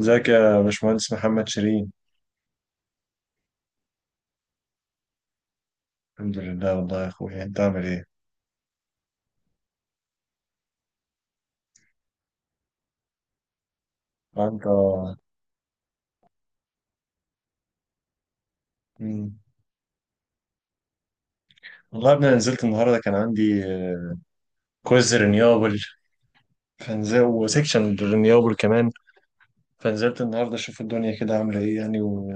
ازيك يا باشمهندس محمد شيرين؟ الحمد لله والله يا اخويا، انت عامل ايه؟ انت مم. والله يا ابني أنا نزلت النهارده، كان عندي كويز رينيوبل فنزل وسيكشن رينيوبل كمان. فنزلت النهارده اشوف الدنيا كده عامله ايه يعني و...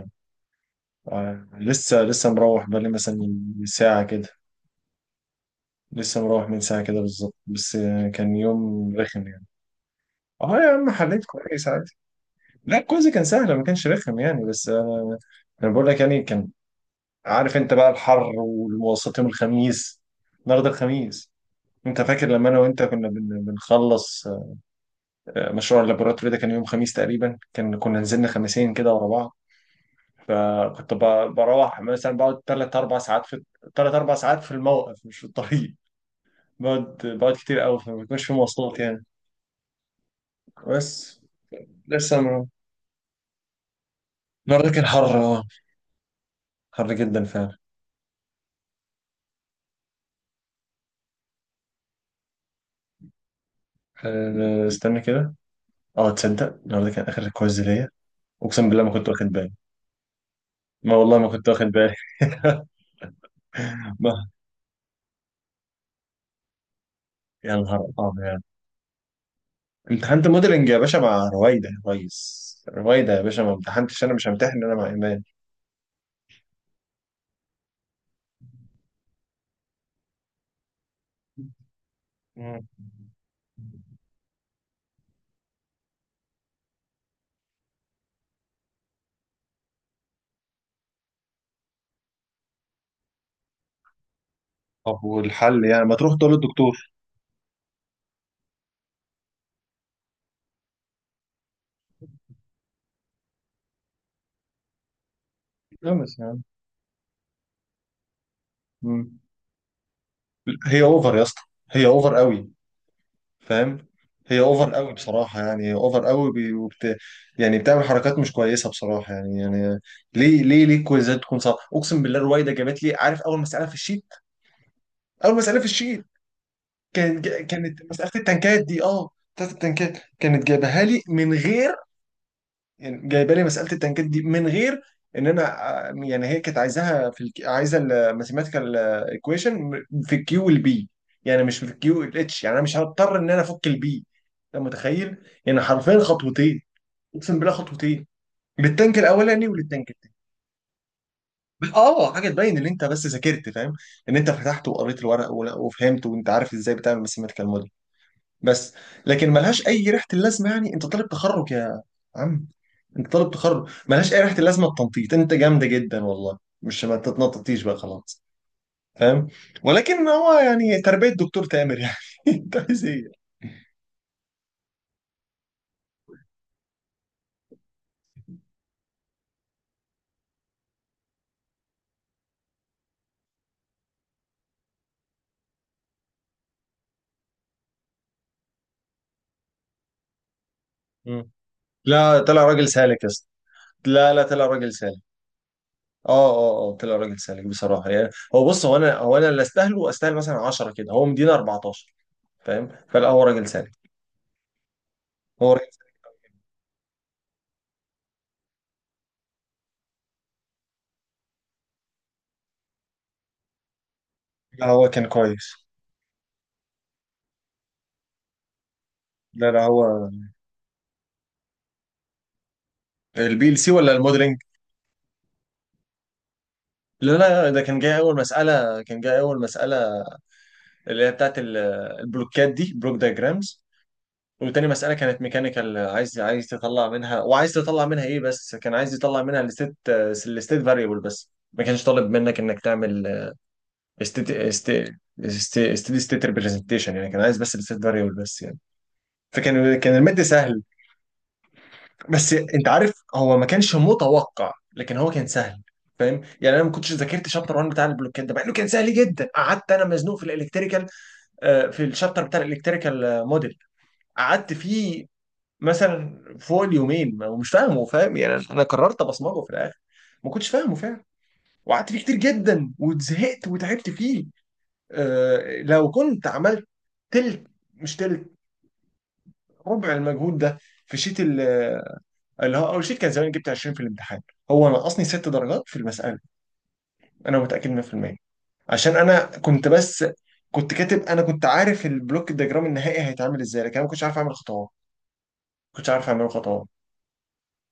لسه مروح بقالي مثلا من ساعه كده. لسه مروح من ساعه كده بالظبط، بس كان يوم رخم يعني. اه يا عم، حليت كويس عادي. لا الكويز كان سهل، ما كانش رخم يعني، بس انا بقول لك يعني كان، عارف انت بقى الحر والوسط يوم الخميس. النهارده الخميس. انت فاكر لما انا وانت كنا بنخلص مشروع اللابوراتوري ده؟ كان يوم خميس تقريبا، كان كنا نزلنا خميسين كده ورا بعض. فكنت بروح مثلا بقعد ثلاث اربع ساعات في، ثلاث اربع ساعات في الموقف مش في الطريق. بقعد كتير قوي، فما بيكونش في مواصلات يعني. بس لسه ما- النهارده كان حر، اه، حر جدا فعلا. استنى كده. اه، تصدق النهارده كان اخر كويز ليا؟ اقسم بالله ما كنت واخد بالي. ما والله ما كنت واخد بالي. ما يا نهار ابيض يعني. امتحنت موديلنج يا باشا مع رويده، يا ريس رويده يا باشا، ما امتحنتش انا، مش همتحن انا مع ايمان. مم. طب والحل يعني ما تروح تقول للدكتور؟ لا بس يعني، مم. هي اوفر يا اسطى. هي اوفر قوي، فاهم؟ هي اوفر قوي بصراحه يعني، اوفر قوي وبت... يعني بتعمل حركات مش كويسه بصراحه يعني يعني. ليه الكويزات تكون صعبه؟ اقسم بالله رويده جابت لي، عارف، اول مساله في الشيت، اول مساله في الشيت كانت كانت مسألة التنكات دي. اه، بتاعت التنكات كانت جايبها لي من غير، يعني جايبه لي مسألة التنكات دي من غير ان انا يعني هي كانت عايزاها في عايزه الماثيماتيكال ايكويشن في الكيو والبي، يعني مش في الكيو والاتش، يعني انا مش هضطر ان انا افك البي. انت متخيل؟ يعني حرفيا خطوتين، اقسم بالله خطوتين، للتانك الاولاني وللتانك التاني. اه، حاجه تبين ان انت بس ذاكرت، فاهم؟ ان انت فتحت وقريت الورق وفهمت وانت عارف ازاي بتعمل ماثيماتيكال موديل، بس. لكن ملهاش اي ريحه اللازمه، يعني انت طالب تخرج يا عم، انت طالب تخرج، ملهاش اي ريحه اللازمه. التنطيط انت جامده جدا والله، مش ما تتنططيش بقى خلاص، فاهم؟ ولكن هو يعني تربيه دكتور تامر يعني. انت عايز ايه؟ مم. لا طلع راجل سالك يا اسطى، لا لا طلع راجل سالك. اه اه اه، طلع راجل سالك بصراحه يعني. هو بص، هو انا اللي استاهله، استاهل مثلا 10 كده هو مدينه 14، فاهم؟ فلا، هو راجل سالك، هو راجل سالك. لا هو كان كويس. لا لا، هو البي ال سي ولا الموديلنج؟ لا لا، ده كان جاي اول مساله، كان جاي اول مساله اللي هي بتاعت البلوكات دي، بلوك دايجرامز. وتاني مساله كانت ميكانيكال، عايز عايز تطلع منها، وعايز تطلع منها ايه، بس كان عايز يطلع منها الستيت، الستيت فاريبل بس، ما كانش طالب منك انك تعمل ستيت ستيت ريبريزنتيشن، يعني كان عايز بس الستيت فاريبل بس يعني. فكان كان المد سهل. بس انت عارف هو ما كانش متوقع، لكن هو كان سهل، فاهم؟ يعني انا ما كنتش ذاكرت شابتر 1 بتاع البلوكات ده، مع انه كان سهل جدا. قعدت انا مزنوق في الالكتريكال، في الشابتر بتاع الالكتريكال موديل. قعدت فيه مثلا فوق اليومين ومش فاهمه، فاهم؟ يعني انا قررت ابصمجه في الاخر، ما كنتش فاهمه فعلا، وقعدت فيه كتير جدا وزهقت وتعبت فيه. لو كنت عملت تلت، مش تلت، ربع المجهود ده في شيت، اللي هو اول شيء، كان زمان جبت 20 في الامتحان. هو نقصني ست درجات في المساله، انا متاكد 100%. عشان انا كنت بس، كنت كاتب، انا كنت عارف البلوك الدياجرام النهائي هيتعمل ازاي، لكن انا ما كنتش عارف اعمل خطوات، ما كنتش عارف اعمل خطوات،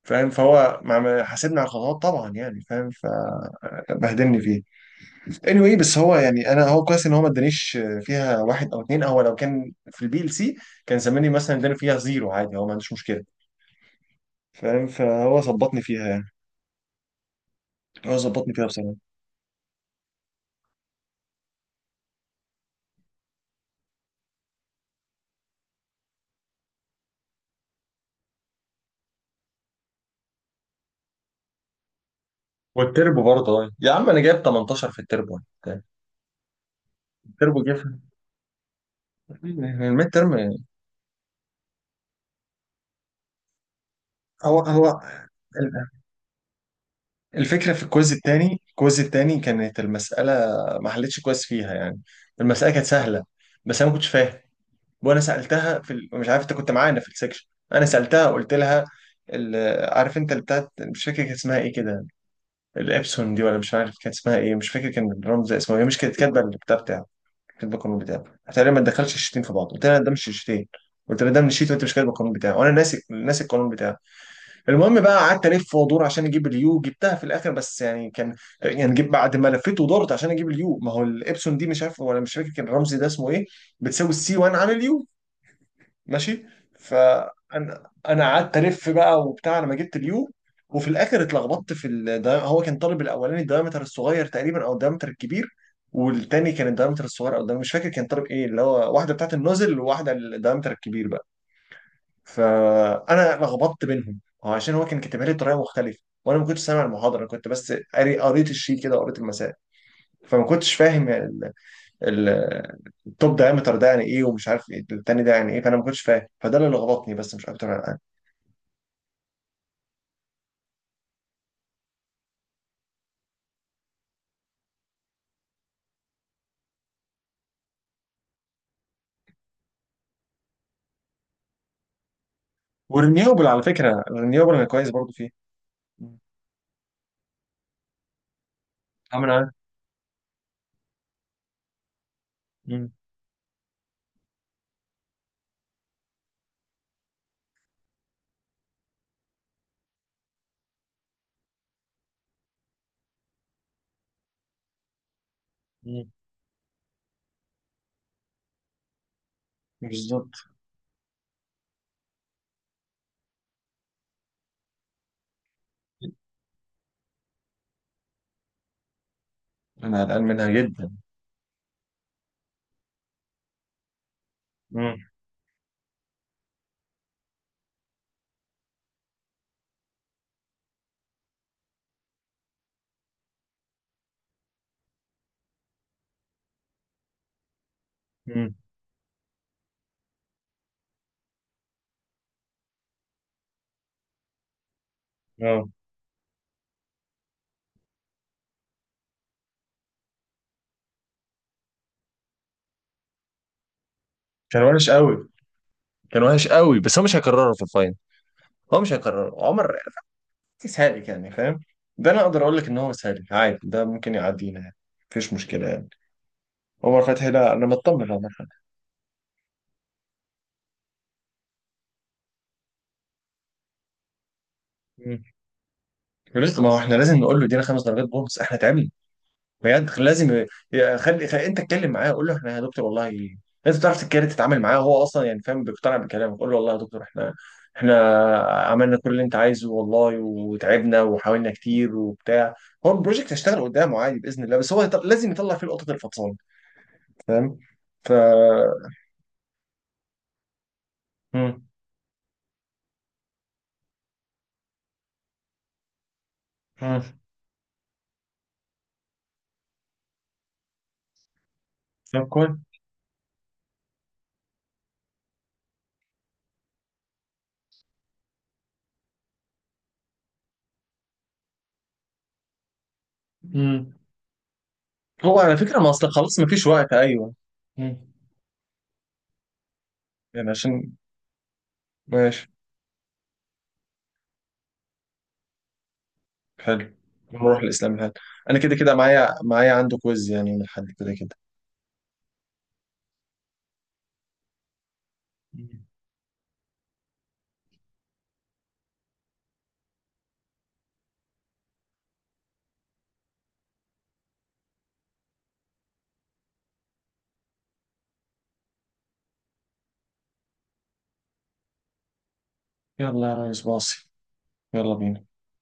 فاهم؟ فهو مع ما حاسبني على الخطوات طبعا يعني، فاهم؟ فبهدلني فيه. anyway، بس هو يعني، انا هو كويس ان هو ما ادانيش فيها واحد او اتنين، هو لو كان في البي ال سي كان زماني مثلا اداني فيها زيرو عادي، هو ما عندوش مشكله، فاهم؟ فهو ظبطني فيها يعني، هو ظبطني فيها بصراحه. والتربو برضه يا عم، انا جايب 18 في التربو. التربو جه في الميد ترم. هو الفكره في الكويز التاني، الكويز التاني كانت المساله ما حلتش كويس فيها يعني. المساله كانت سهله، بس انا ما كنتش فاهم. وانا سالتها في مش عارف انت كنت معانا في السكشن، انا سالتها قلت لها ال... عارف انت اللي بتاعت، مش فاكر كانت اسمها ايه كده، الابسون دي ولا مش عارف كانت اسمها ايه، مش فاكر كان الرمز اسمه، هي مش كانت كاتبه البتاع بتاعها، كاتب القانون بتاعه. قلت له ما تدخلش الشيتين في بعض، قلت له ده مش الشيتين، قلت له ده من الشيت، وانت مش كاتب القانون بتاعه، وانا ناسي القانون بتاعه. المهم بقى قعدت الف وادور عشان اجيب اليو، جبتها في الاخر، بس يعني كان، يعني جيب بعد ما لفيت ودورت عشان اجيب اليو، ما هو الابسون دي، مش عارف، ولا مش فاكر كان الرمز ده اسمه ايه، بتساوي السي وانا عامل يو، ماشي. فانا قعدت الف بقى وبتاع لما جبت اليو. وفي الاخر اتلخبطت في هو كان طالب الاولاني الدايمتر الصغير تقريبا او الدايمتر الكبير، والتاني كان الدايمتر الصغير او الدايمتر، مش فاكر كان طالب ايه، اللي هو واحده بتاعت النوزل وواحده الدايمتر الكبير بقى. فانا لخبطت بينهم، هو عشان هو كان كاتبها لي بطريقه مختلفه، وانا ما كنتش سامع المحاضره، انا كنت بس قاري، قريت الشيت كده وقريت المسائل، فما كنتش فاهم ال- التوب دايمتر ده يعني ايه، ومش عارف ايه التاني ده يعني ايه، فانا ما كنتش فاهم، فده اللي لخبطني بس مش اكتر الان. والرينيوبل، على فكره الرينيوبل انا كويس برضو فيه. مم. عامل ايه؟ مم. مم. بالظبط. انا قلقان منها جدا. مم. مم. اه، كان وحش قوي، كان وحش قوي، بس هو مش هيكرره في الفاينل. هو مش هيكرره. عمر سالك يعني، فاهم؟ ده انا اقدر اقول لك ان هو سالك عادي، ده ممكن يعدينا يعني، مفيش مشكله يعني. عمر فتحي، لا انا مطمن على عمر فتحي. مم. ما هو احنا لازم نقول له ادينا خمس درجات بونص، احنا تعبنا بجد. لازم خلي خلي انت اتكلم معاه، قول له احنا يا دكتور والله، لازم تعرف تتكلم تتعامل معاه، هو اصلا يعني فاهم، بيقتنع بكلامك. قول له والله يا دكتور، احنا احنا عملنا كل اللي انت عايزه والله، وتعبنا وحاولنا كتير وبتاع. هو البروجكت هيشتغل قدامه عادي باذن الله، بس هو لازم يطلع فيه لقطه الفطسان، فاهم؟ ف، مم. مم. طب كويس. مم. هو على فكره، ما اصل خلاص ما فيش وقت، ايوه. مم. يعني عشان، ماشي. حلو، نروح الاسلام الحلو. انا كده كده معايا، معايا عنده كويز يعني من حد كده كده. مم. يلا يا ريس باصي، يلا بينا.